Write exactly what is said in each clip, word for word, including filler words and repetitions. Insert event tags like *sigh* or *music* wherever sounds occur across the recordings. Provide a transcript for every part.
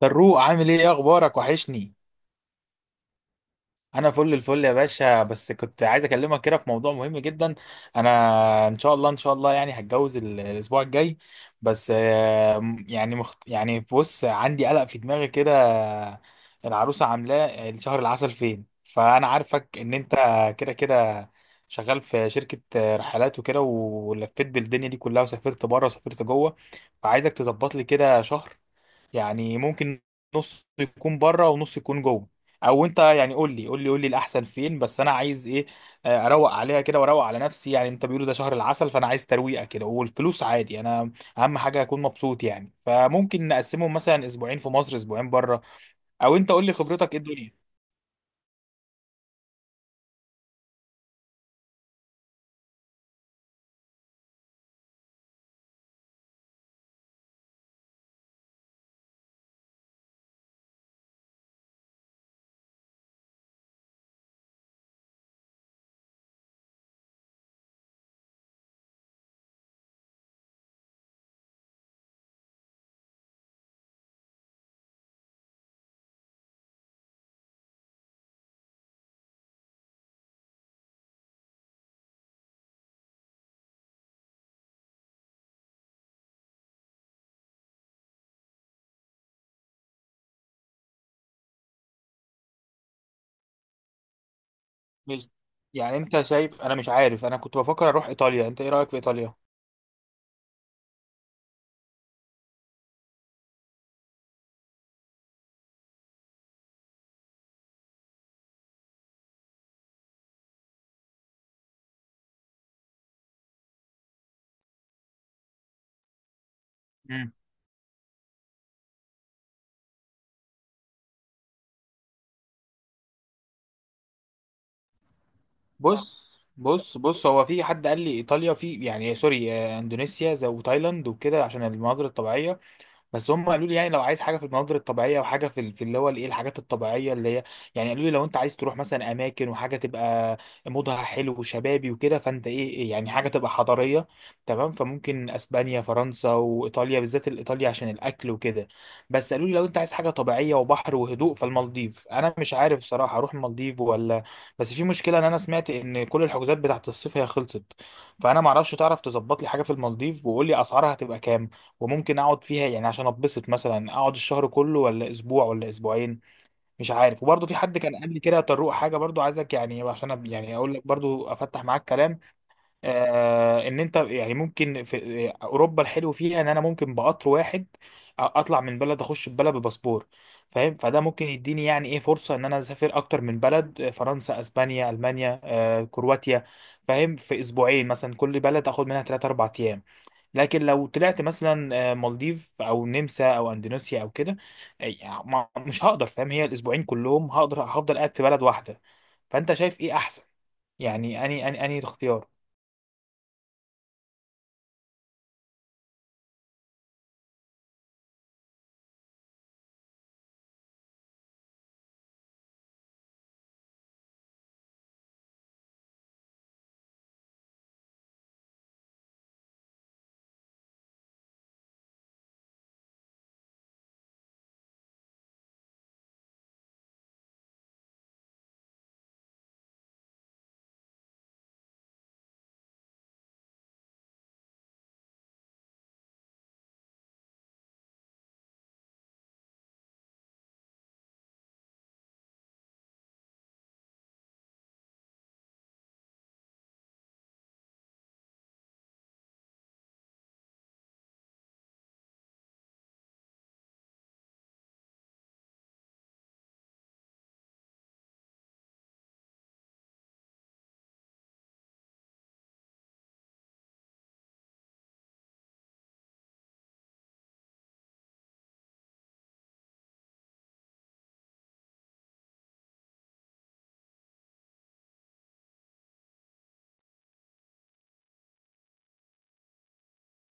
فاروق عامل ايه؟ إيه اخبارك؟ وحشني. انا فل الفل يا باشا، بس كنت عايز اكلمك كده في موضوع مهم جدا. انا ان شاء الله ان شاء الله يعني هتجوز ال- الاسبوع الجاي. بس آه، م- يعني مخت... يعني بص، عندي قلق في دماغي كده. العروسه عاملاه الشهر العسل فين؟ فانا عارفك ان انت كده كده شغال في شركة رحلات وكده، ولفيت بالدنيا دي كلها وسافرت بره وسافرت جوه. فعايزك تظبط لي كده شهر، يعني ممكن نص يكون بره ونص يكون جوه، او انت يعني قول لي قول لي قول لي الاحسن فين. بس انا عايز ايه؟ آه، اروق عليها كده واروق على نفسي. يعني انت، بيقولوا ده شهر العسل، فانا عايز ترويقه كده. والفلوس عادي، انا اهم حاجه اكون مبسوط. يعني فممكن نقسمهم مثلا اسبوعين في مصر اسبوعين بره، او انت قول لي خبرتك ايه الدنيا. مش- يعني انت شايف؟ انا مش عارف، انا كنت بفكر اروح ايطاليا. انت ايه رايك في ايطاليا؟ بص بص بص، هو في حد قال لي ايطاليا، في يعني سوري، آه، اندونيسيا زي وتايلاند وكده عشان المناظر الطبيعيه. بس هم قالوا لي يعني لو عايز حاجه في المناظر الطبيعيه، وحاجه في ال- في اللي هو الايه، الحاجات الطبيعيه اللي هي يعني، قالوا لي لو انت عايز تروح مثلا اماكن وحاجه تبقى مودها حلو وشبابي وكده، فانت ايه؟ إيه يعني حاجه تبقى حضاريه، تمام؟ فممكن اسبانيا، فرنسا، وايطاليا، بالذات الايطاليا عشان الاكل وكده. بس قالوا لي لو انت عايز حاجه طبيعيه وبحر وهدوء فالمالديف. انا مش عارف صراحه اروح المالديف ولا. بس في مشكله ان انا سمعت ان كل الحجوزات بتاعت الصيف هي خلصت. فانا معرفش، تعرف تظبط لي حاجه في المالديف، وقول لي اسعارها هتبقى كام، وممكن اقعد فيها يعني عشان اتبسط، مثلا اقعد الشهر كله ولا اسبوع ولا اسبوعين؟ مش عارف. وبرضه في حد كان قال لي كده طروق حاجه برضه، عايزك يعني عشان أب- يعني اقول لك، برضه افتح معاك كلام. آه، ان انت يعني ممكن في آه، اوروبا الحلو فيها ان انا ممكن بقطر واحد أ- اطلع من بلد اخش ببلد بباسبور، فاهم؟ فده ممكن يديني يعني ايه، فرصه ان انا اسافر اكتر من بلد. آه، فرنسا، اسبانيا، المانيا، آه، كرواتيا، فاهم؟ في اسبوعين مثلا، كل بلد اخد منها ثلاثة اربعة ايام. لكن لو طلعت مثلا آه، مالديف او نمسا او اندونيسيا او كده، آه، يعني ما- مش هقدر، فاهم؟ هي الاسبوعين كلهم هقدر هفضل قاعد في بلد واحده. فانت شايف ايه احسن؟ يعني اني اني اني الاختيار.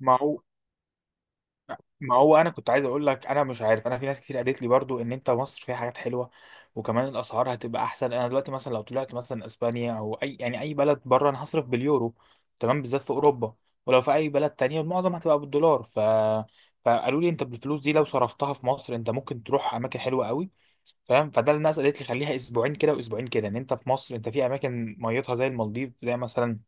ما هو ما هو انا كنت عايز اقول لك، انا مش عارف، انا في ناس كتير قالت لي برضو ان انت مصر فيها حاجات حلوه، وكمان الاسعار هتبقى احسن. انا دلوقتي مثلا لو طلعت مثلا اسبانيا او اي يعني اي بلد بره، انا هصرف باليورو، تمام، بالذات في اوروبا. ولو في اي بلد تانية المعظم هتبقى بالدولار. ف فقالوا لي انت بالفلوس دي لو صرفتها في مصر انت ممكن تروح اماكن حلوه قوي، فاهم؟ فده الناس قالت لي خليها اسبوعين كده واسبوعين كده. ان انت في مصر، انت في اماكن ميتها زي المالديف، زي مثلا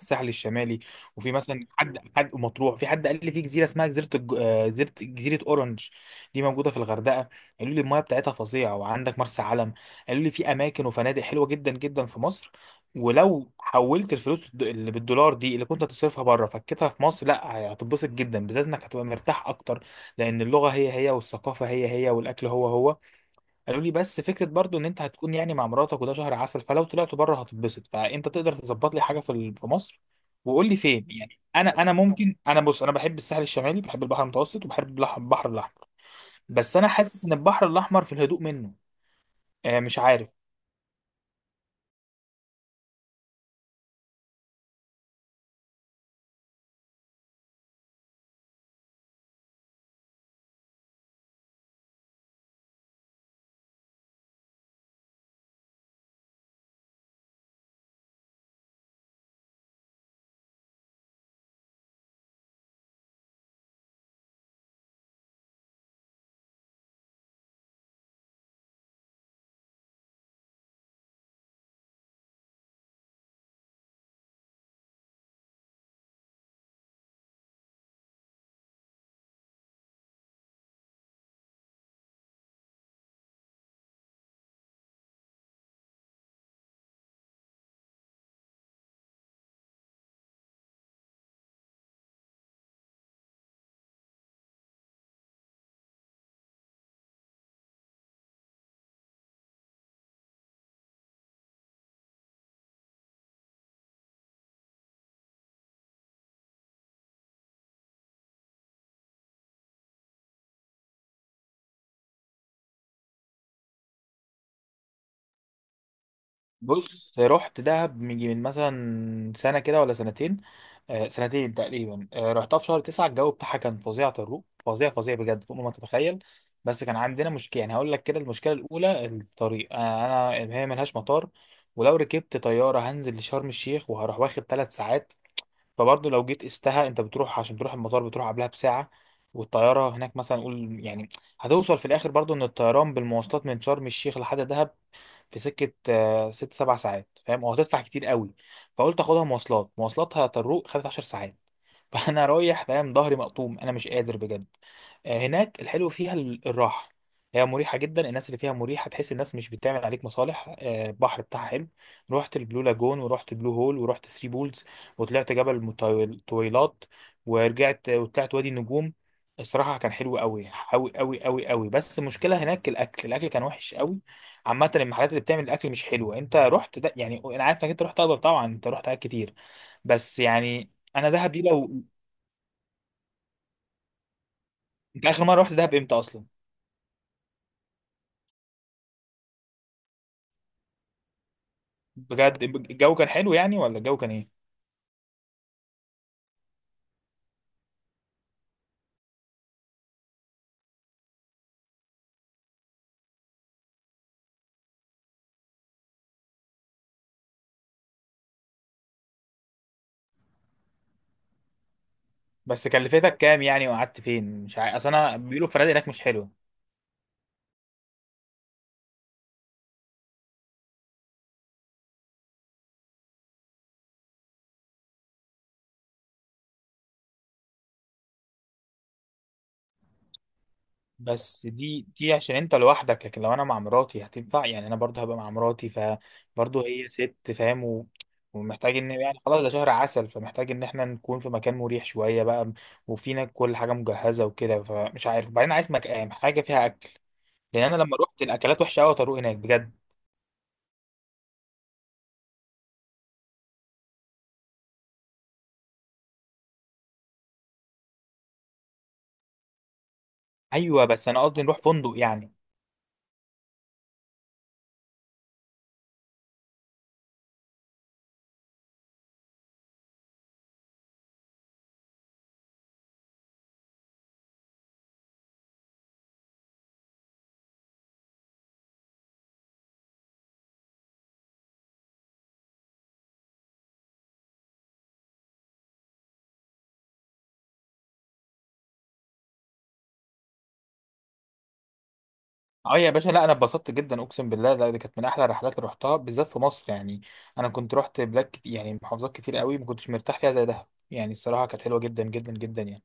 الساحل الشمالي. وفي مثلا حد حد مطروح، في حد قال لي في جزيره اسمها جزيره الج- آه، جزيره جزيره اورنج، دي موجوده في الغردقه. قالوا لي المايه بتاعتها فظيعه. وعندك مرسى علم، قالوا لي في اماكن وفنادق حلوه جدا جدا في مصر. ولو حولت الفلوس الد- اللي بالدولار دي اللي كنت هتصرفها بره، فكتها في مصر، لا هتتبسط جدا، بالذات انك هتبقى مرتاح اكتر، لان اللغه هي هي والثقافه هي هي والاكل هو هو. قالوا لي بس فكره برضو ان انت هتكون يعني مع مراتك وده شهر عسل، فلو طلعتوا بره هتتبسط. فانت تقدر تظبط لي حاجه في ال- في مصر، وقول لي فين يعني. انا انا ممكن، انا بص، انا بحب الساحل الشمالي، بحب البحر المتوسط، وبحب البحر البحر الاحمر. بس انا حاسس ان البحر الاحمر في الهدوء منه. آه، مش عارف. بص رحت دهب من من مثلا سنة كده ولا سنتين، آه سنتين تقريبا. آه، رحتها في شهر تسعة، الجو بتاعها كان فظيع طروق، فظيع فظيع بجد فوق ما تتخيل. بس كان عندنا مشكلة يعني، هقول لك كده. المشكلة الأولى الطريق، آه، أنا هي ملهاش مطار، ولو ركبت طيارة هنزل لشرم الشيخ وهروح واخد ثلاث ساعات. فبرضه لو جيت قستها، أنت بتروح عشان تروح المطار بتروح قبلها بساعة، والطيارة هناك مثلا قول يعني. هتوصل في الآخر برضه إن الطيران بالمواصلات من شرم الشيخ لحد دهب في سكه آه، ست سبع ساعات، فاهم؟ وهتدفع كتير قوي. فقلت اخدها مواصلات، مواصلاتها طروق خدت عشر ساعات *laughs* فانا رايح فاهم، ظهري مقطوم، انا مش قادر بجد. آه، هناك الحلو فيها ال- الراحه، هي مريحه جدا، الناس اللي فيها مريحه، تحس الناس مش بتعمل عليك مصالح. آه، البحر بتاعها حلو، رحت البلو لاجون ورحت بلو هول ورحت ثري بولز، وطلعت جبل مطويل- طويلات، ورجعت وطلعت وادي النجوم. الصراحه كان حلو قوي قوي قوي قوي قوي. بس المشكله هناك الاكل، الاكل كان وحش قوي. عامة المحلات اللي بتعمل الأكل مش حلوة. أنت رحت ده يعني، أنا عارف إنك أنت رحت دهب، طبعا أنت رحت حاجات كتير بس يعني. أنا دهب دي لو، أنت آخر مرة رحت دهب إمتى أصلا؟ بجد الجو كان حلو يعني ولا الجو كان إيه؟ بس كلفتك كام يعني وقعدت فين؟ مش عارف، أصل أنا بيقولوا الفنادق هناك مش حلوة. بس دي دي عشان انت لوحدك، لكن لو انا مع مراتي هتنفع؟ يعني انا برضه هبقى مع مراتي، فبرضه هي ست، فاهم؟ و... ومحتاج ان يعني خلاص ده شهر عسل، فمحتاج ان احنا نكون في مكان مريح شويه بقى، وفينا كل حاجه مجهزه وكده. فمش عارف. وبعدين عايز مكان حاجه فيها اكل، لان انا لما روحت الاكلات وحشه قوي طارق هناك بجد. ايوه بس انا قصدي نروح فندق يعني. اه يا باشا، لا انا اتبسطت جدا، اقسم بالله، لا دي كانت من احلى الرحلات اللي رحتها، بالذات في مصر يعني. انا كنت رحت بلاد كت... يعني محافظات كتير قوي ما كنتش مرتاح فيها زي دهب يعني. الصراحه كانت حلوه جدا جدا جدا يعني.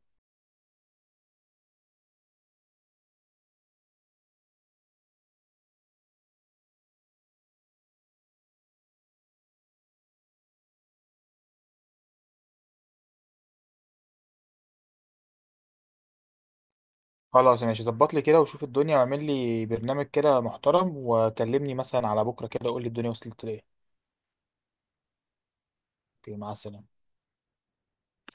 خلاص ماشي، ظبط لي كده وشوف الدنيا واعمل لي برنامج كده محترم، وكلمني مثلا على بكره كده، قول لي الدنيا وصلت لايه. اوكي، مع السلامه.